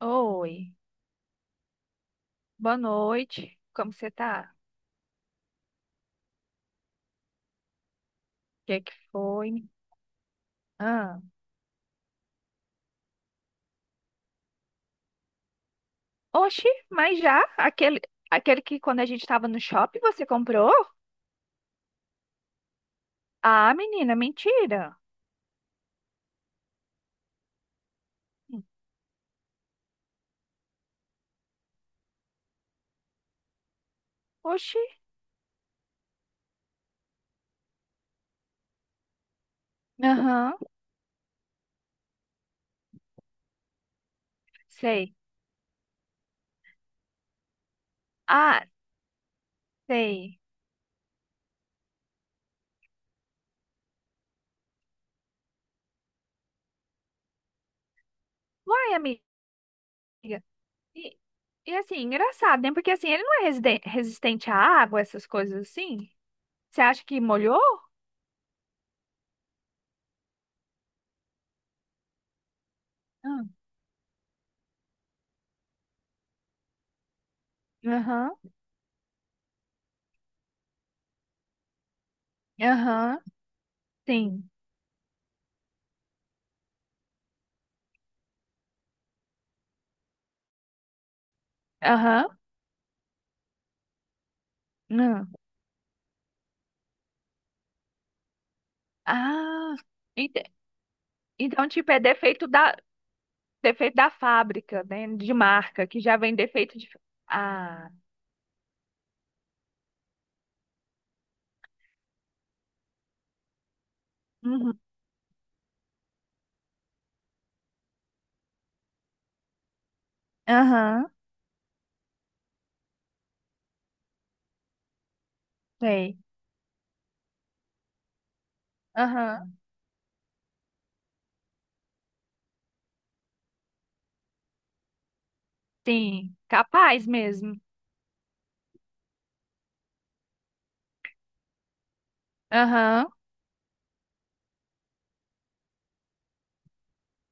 Oi, boa noite. Como você tá? O que que foi? Ah. Oxi, mas já? Aquele que quando a gente tava no shopping você comprou? Ah, menina, mentira. Hum. Oxi, aham, sei. Ah, sei. Uai, amiga. E, e assim, engraçado, né? Porque assim, ele não é resistente à água, essas coisas assim? Você acha que molhou? Ah, aham, aham, sim. Aham, hum. Ah, então, tipo, é defeito da fábrica, né? De marca, que já vem defeito de. Ah, uhum. Aham, sei. Aham, sim. Capaz mesmo. Aham,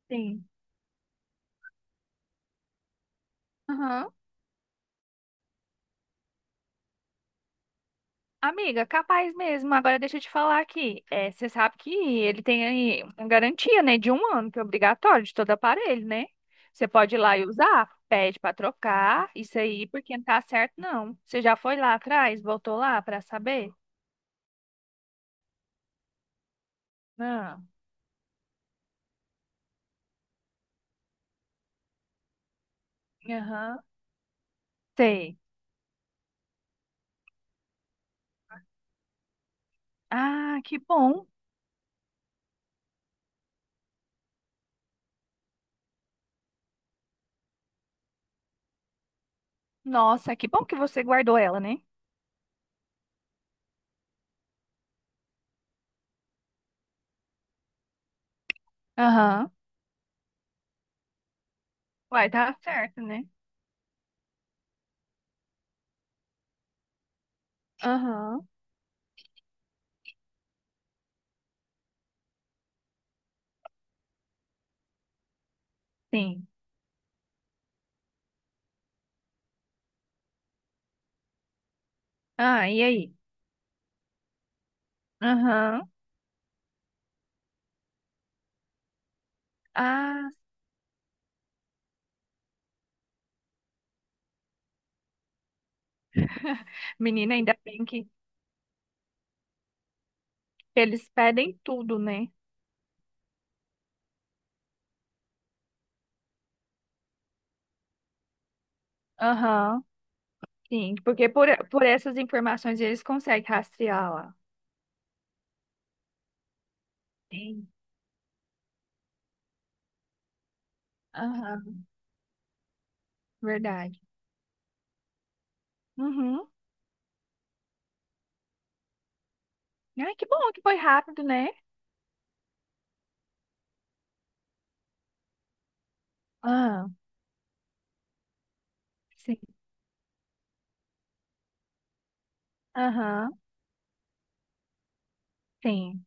sim. Aham. Amiga, capaz mesmo. Agora deixa eu te falar aqui. É, você sabe que ele tem aí uma garantia, né, de um ano, que é obrigatório de todo aparelho, né? Você pode ir lá e usar, pede pra trocar, isso aí, porque não tá certo, não. Você já foi lá atrás, voltou lá pra saber? Não. Aham. Sei. Ah, que bom. Nossa, que bom que você guardou ela, né? Aham. Uai, tá certo, né? Aham. Sim. Ah, e aí? Aham. Ah, menina, ainda bem que eles pedem tudo, né? Aham. Sim, por essas informações eles conseguem rastreá-la. Sim. Aham, verdade. Uhum. Ai, que bom que foi rápido, né? Ah, sim. Aham, sim.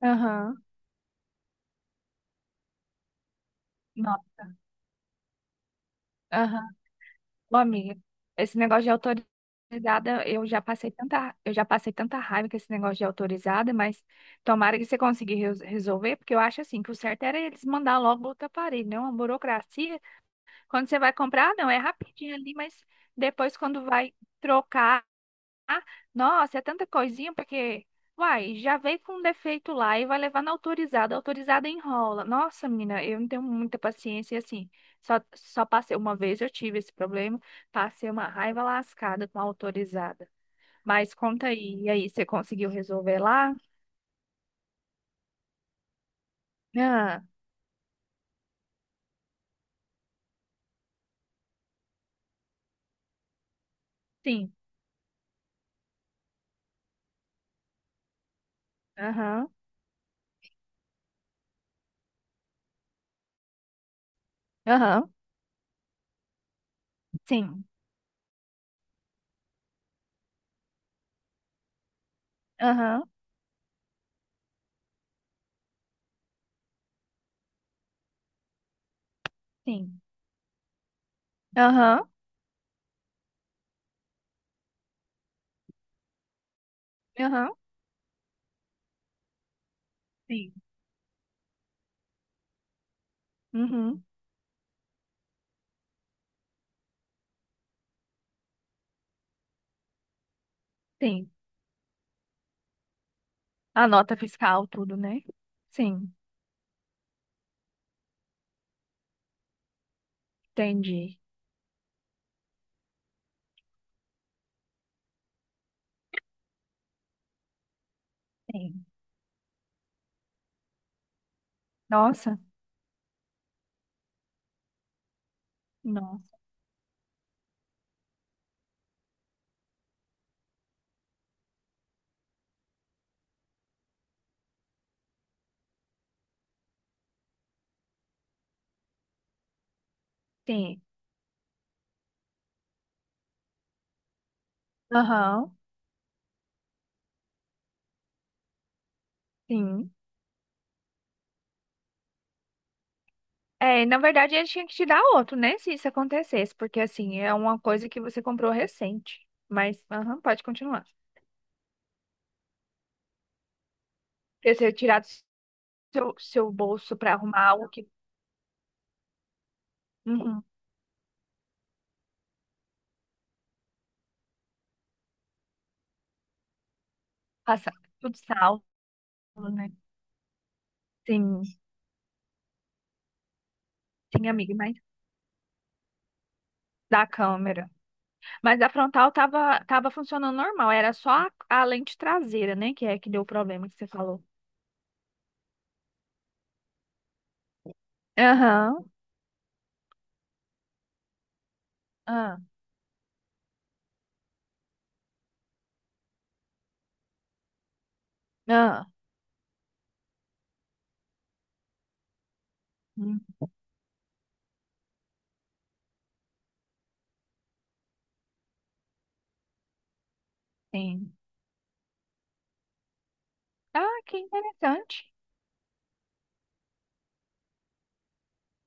Aham. Não. Ô, amiga, esse negócio de autorizada, eu já passei tanta raiva com esse negócio de autorizada, mas tomara que você consiga resolver, porque eu acho assim que o certo era eles mandar logo outro aparelho, não uma burocracia. Quando você vai comprar, não, é rapidinho ali, mas depois quando vai trocar ah, nossa, é tanta coisinha, porque, uai, já veio com um defeito lá e vai levar na autorizada. A autorizada enrola. Nossa, menina, eu não tenho muita paciência e assim. Só passei uma vez, eu tive esse problema. Passei uma raiva lascada com a autorizada. Mas conta aí, e aí, você conseguiu resolver lá? Ah, sim. Aham. Aham. Sim. Aham. Sim. Aham. Aham. Sim. Uhum. Sim. A nota fiscal, tudo, né? Sim. Entendi. Sim. Nossa, nossa, sim. Aham, sim. É, na verdade, ele tinha que te dar outro, né? Se isso acontecesse, porque assim, é uma coisa que você comprou recente. Mas, aham, pode continuar. Porque você tirar do seu bolso pra arrumar algo que uhum, passa tudo salvo, né? Sim, sim, amiga, mas da câmera. Mas a frontal tava, tava funcionando normal, era só a lente traseira, né? Que é que deu o problema que você falou. Aham, ah, ah, hum, sim. Ah, que interessante.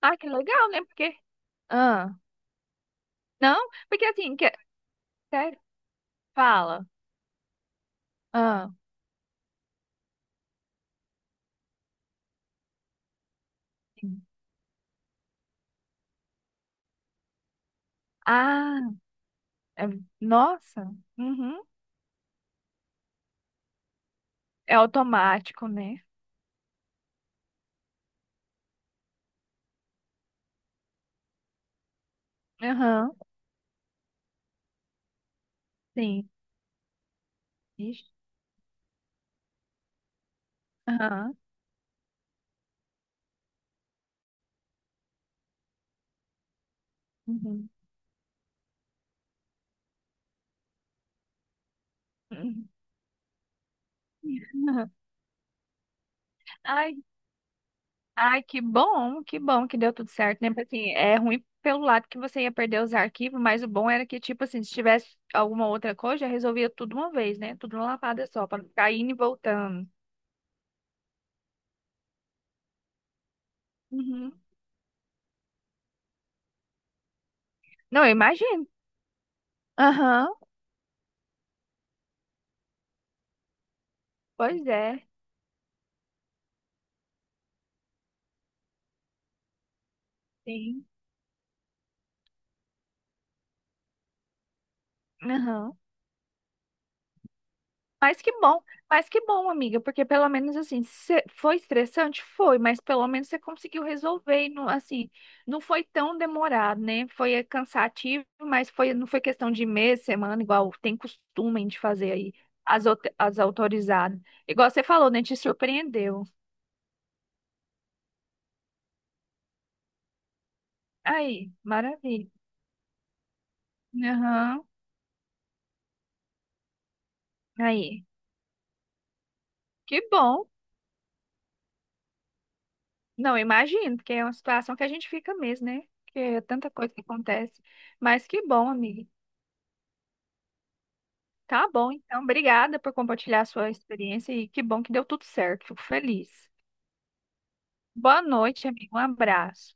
Ah, que legal, né? Porque. Ah, não? Porque assim, que... sério, fala. Ah, sim. Ah, é- nossa. Uhum. É automático, né? Aham, sim. Ixi, aham. Uhum. Uhum. Ai, ai, que bom, que bom que deu tudo certo, né? Porque, assim, é ruim pelo lado que você ia perder os arquivos, mas o bom era que, tipo assim, se tivesse alguma outra coisa, já resolvia tudo uma vez, né? Tudo numa lapada só, pra não ficar indo e voltando. Uhum. Não, eu imagino. Aham, pois é. Sim. Aham. Mas que bom, mas que bom, amiga, porque pelo menos assim, cê- foi estressante? Foi, mas pelo menos você conseguiu resolver e não, assim, não foi tão demorado, né? Foi cansativo, mas foi, não foi questão de mês, semana, igual tem costume de fazer aí as autorizadas. Igual você falou, né? Te surpreendeu. Aí, maravilha. Aham. Aí, que bom. Não, eu imagino, porque é uma situação que a gente fica mesmo, né? Que é tanta coisa que acontece. Mas que bom, amiga. Tá bom, então. Obrigada por compartilhar a sua experiência e que bom que deu tudo certo. Fico feliz. Boa noite, amigo. Um abraço.